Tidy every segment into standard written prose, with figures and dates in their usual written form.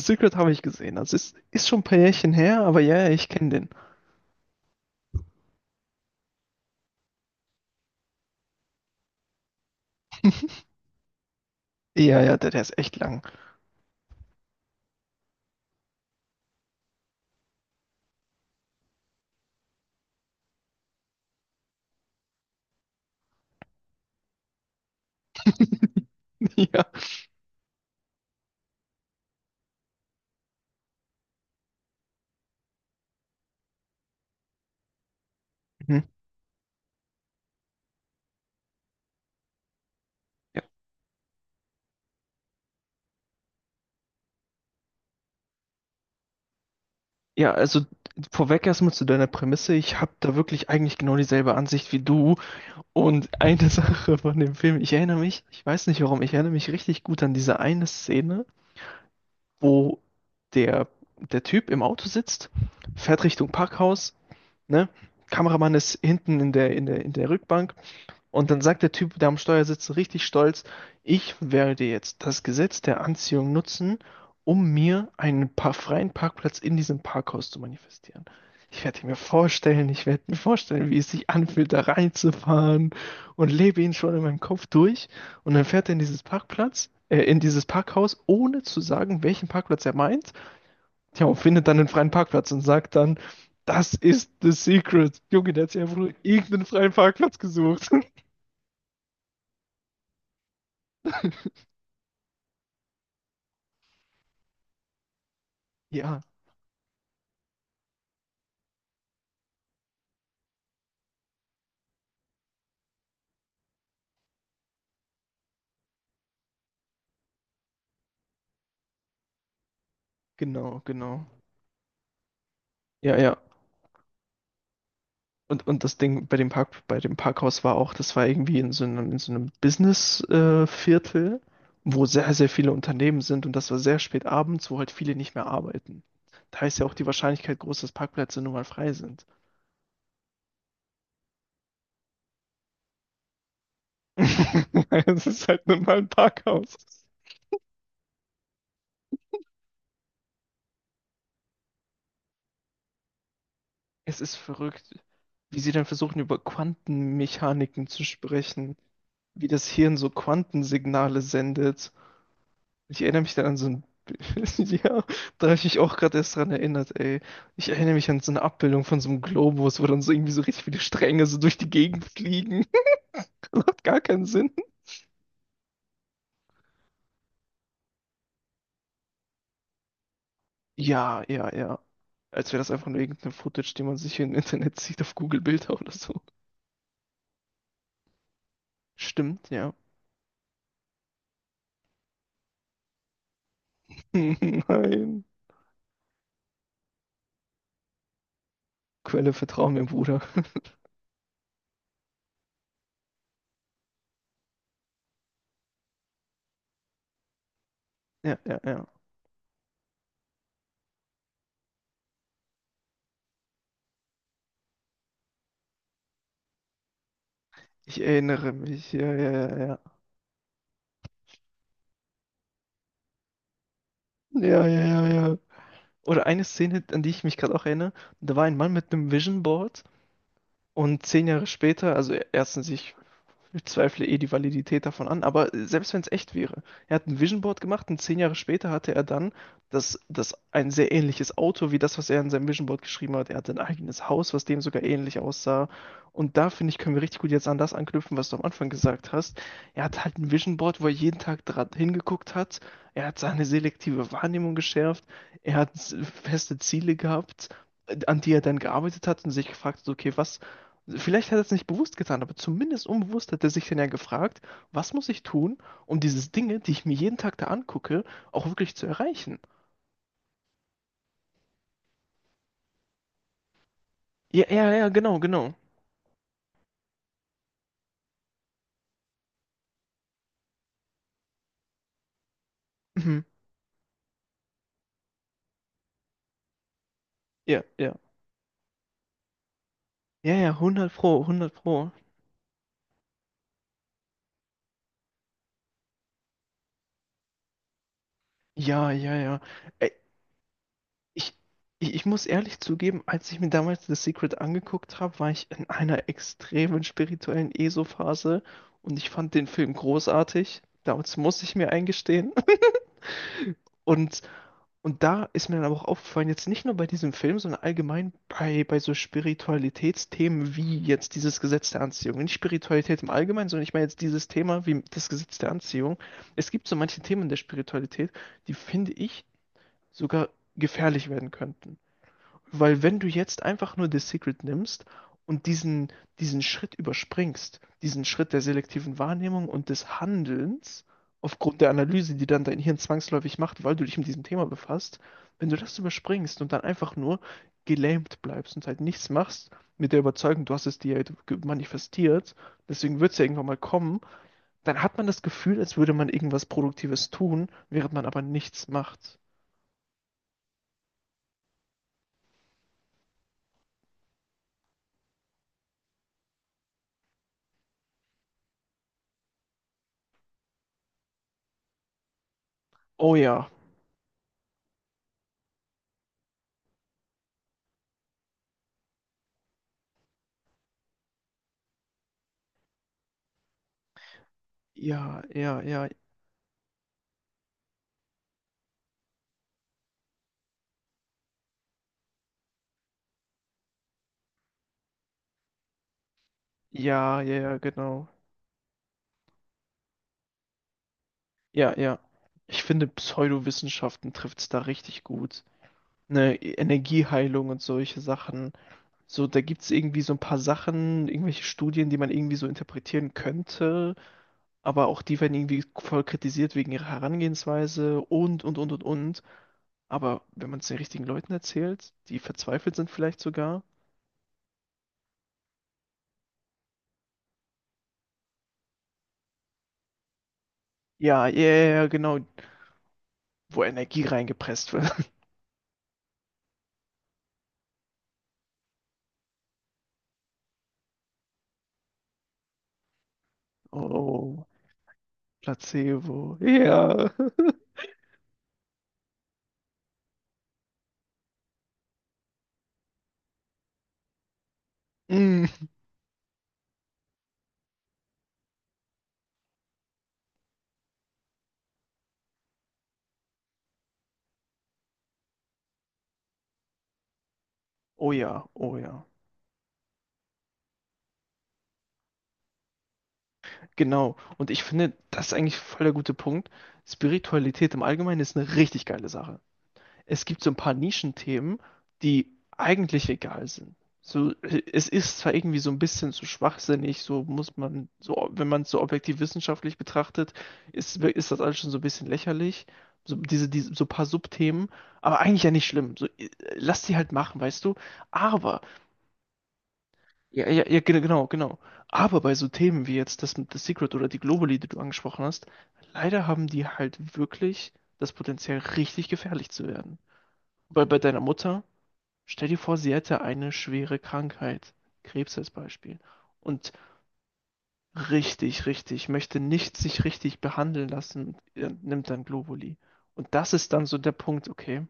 Secret habe ich gesehen. Das ist schon ein paar Jährchen her, aber ja, ja, ich kenne den. Ja, ja, der ist echt lang. Ja. Mhm. Ja. Ja, also vorweg erstmal zu deiner Prämisse. Ich habe da wirklich eigentlich genau dieselbe Ansicht wie du. Und eine Sache von dem Film, ich erinnere mich, ich weiß nicht warum, ich erinnere mich richtig gut an diese eine Szene, wo der, der Typ im Auto sitzt, fährt Richtung Parkhaus, ne? Kameramann ist hinten in der, in der Rückbank. Und dann sagt der Typ, der am Steuer sitzt, richtig stolz, ich werde jetzt das Gesetz der Anziehung nutzen, um mir einen pa freien Parkplatz in diesem Parkhaus zu manifestieren. Ich werde mir vorstellen, ich werde mir vorstellen, wie es sich anfühlt, da reinzufahren, und lebe ihn schon in meinem Kopf durch. Und dann fährt er in in dieses Parkhaus, ohne zu sagen, welchen Parkplatz er meint. Tja, und findet dann einen freien Parkplatz und sagt dann, das ist the secret. Junge, der hat sich einfach nur irgendeinen freien Parkplatz gesucht. Ja, genau, genau. Ja, ja. Und das Ding bei dem Parkhaus war auch, das war irgendwie in so einem Business-Viertel, Viertel, wo sehr, sehr viele Unternehmen sind, und das war sehr spät abends, wo halt viele nicht mehr arbeiten. Da ist ja auch die Wahrscheinlichkeit groß, dass Parkplätze nun mal frei sind. Es ist halt nun mal ein Parkhaus. Es ist verrückt, wie sie dann versuchen, über Quantenmechaniken zu sprechen, wie das Hirn so Quantensignale sendet. Ich erinnere mich dann an so ein. Ja, da habe ich mich auch gerade erst dran erinnert, ey. Ich erinnere mich an so eine Abbildung von so einem Globus, wo dann so irgendwie so richtig viele Stränge so durch die Gegend fliegen. Das hat gar keinen Sinn. Ja, ja, ja. Als wäre das einfach nur irgendeine Footage, die man sich im Internet sieht, auf Google Bilder oder so. Stimmt, ja. Nein. Quelle Vertrauen, mir, Bruder. Ja, ja, ja. Ich erinnere mich. Ja, ja, ja, ja. Ja, ja, ja, ja. Oder eine Szene, an die ich mich gerade auch erinnere, da war ein Mann mit einem Vision Board. Und 10 Jahre später, also erstens, ich zweifle eh die Validität davon an, aber selbst wenn es echt wäre, er hat ein Vision Board gemacht und 10 Jahre später hatte er dann das ein sehr ähnliches Auto, wie das, was er in seinem Vision Board geschrieben hat. Er hatte ein eigenes Haus, was dem sogar ähnlich aussah. Und da finde ich, können wir richtig gut jetzt an das anknüpfen, was du am Anfang gesagt hast. Er hat halt ein Vision Board, wo er jeden Tag dran hingeguckt hat. Er hat seine selektive Wahrnehmung geschärft. Er hat feste Ziele gehabt, an die er dann gearbeitet hat, und sich gefragt hat, okay, was? Vielleicht hat er es nicht bewusst getan, aber zumindest unbewusst hat er sich dann ja gefragt, was muss ich tun, um diese Dinge, die ich mir jeden Tag da angucke, auch wirklich zu erreichen? Ja, ja, ja, genau, genau. Mhm. Ja, ja. Ja, ja, hundert Pro, hundert Pro. Ja, ja, ja. Ey, ich, ich muss ehrlich zugeben, als ich mir damals The Secret angeguckt habe, war ich in einer extremen spirituellen ESO-Phase, und ich fand den Film großartig. Damals, muss ich mir eingestehen. Und Und da ist mir dann aber auch aufgefallen, jetzt nicht nur bei diesem Film, sondern allgemein bei, bei so Spiritualitätsthemen, wie jetzt dieses Gesetz der Anziehung. Nicht Spiritualität im Allgemeinen, sondern ich meine jetzt dieses Thema wie das Gesetz der Anziehung. Es gibt so manche Themen der Spiritualität, die finde ich sogar gefährlich werden könnten. Weil wenn du jetzt einfach nur The Secret nimmst und diesen Schritt überspringst, diesen Schritt der selektiven Wahrnehmung und des Handelns, aufgrund der Analyse, die dann dein Hirn zwangsläufig macht, weil du dich mit diesem Thema befasst, wenn du das überspringst und dann einfach nur gelähmt bleibst und halt nichts machst, mit der Überzeugung, du hast es dir halt manifestiert, deswegen wird es ja irgendwann mal kommen, dann hat man das Gefühl, als würde man irgendwas Produktives tun, während man aber nichts macht. Oh ja, ja, ja, ja. Ja, ja, ja, genau. Ja, ja. Ich finde, Pseudowissenschaften trifft es da richtig gut. Ne, Energieheilung und solche Sachen. So, da gibt es irgendwie so ein paar Sachen, irgendwelche Studien, die man irgendwie so interpretieren könnte, aber auch die werden irgendwie voll kritisiert wegen ihrer Herangehensweise und, und. Aber wenn man es den richtigen Leuten erzählt, die verzweifelt sind, vielleicht sogar. Ja, ja, ja, ja, genau, wo Energie reingepresst wird. Oh, Placebo. Ja. Mm. Oh ja, oh ja. Genau. Und ich finde, das ist eigentlich voll der gute Punkt. Spiritualität im Allgemeinen ist eine richtig geile Sache. Es gibt so ein paar Nischenthemen, die eigentlich egal sind. So, es ist zwar irgendwie so ein bisschen zu schwachsinnig, so muss man, so, wenn man es so objektiv wissenschaftlich betrachtet, ist das alles schon so ein bisschen lächerlich. So, diese, so ein paar Subthemen, aber eigentlich ja nicht schlimm. So, lass die halt machen, weißt du? Ja, ja, ja, genau, genau. Aber bei so Themen wie jetzt das mit The Secret oder die Globally, die du angesprochen hast, leider haben die halt wirklich das Potenzial, richtig gefährlich zu werden. Weil bei deiner Mutter, stell dir vor, sie hätte eine schwere Krankheit, Krebs als Beispiel, und richtig, richtig, möchte nicht sich richtig behandeln lassen, nimmt dann Globally. Und das ist dann so der Punkt, okay,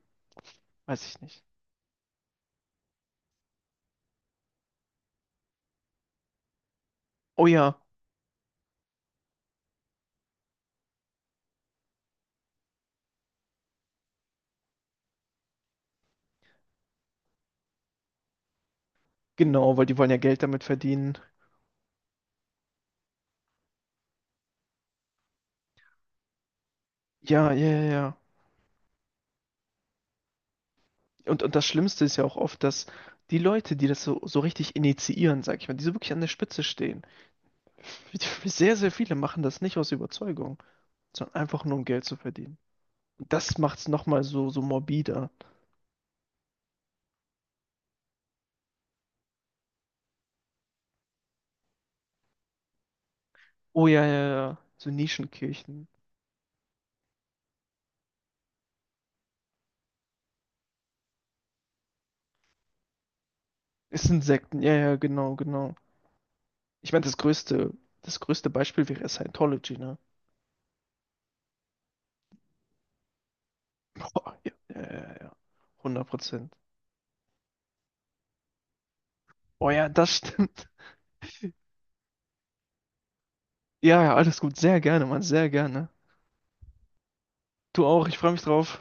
weiß ich nicht. Oh ja, genau, weil die wollen ja Geld damit verdienen. Ja, ja, ja. Ja. Und das Schlimmste ist ja auch oft, dass die Leute, die das so, so richtig initiieren, sag ich mal, die so wirklich an der Spitze stehen, sehr, sehr viele machen das nicht aus Überzeugung, sondern einfach nur um Geld zu verdienen. Und das macht's nochmal so, so morbider. Oh ja, ja, ja, so Nischenkirchen. Es sind Sekten, ja, ja, genau, genau. Ich meine, das größte Beispiel wäre Scientology, ne? Boah, ja, ja, ja, ja. 100%. Oh ja, das stimmt. Ja, ja, alles gut. Sehr gerne, Mann, sehr gerne. Du auch, ich freue mich drauf.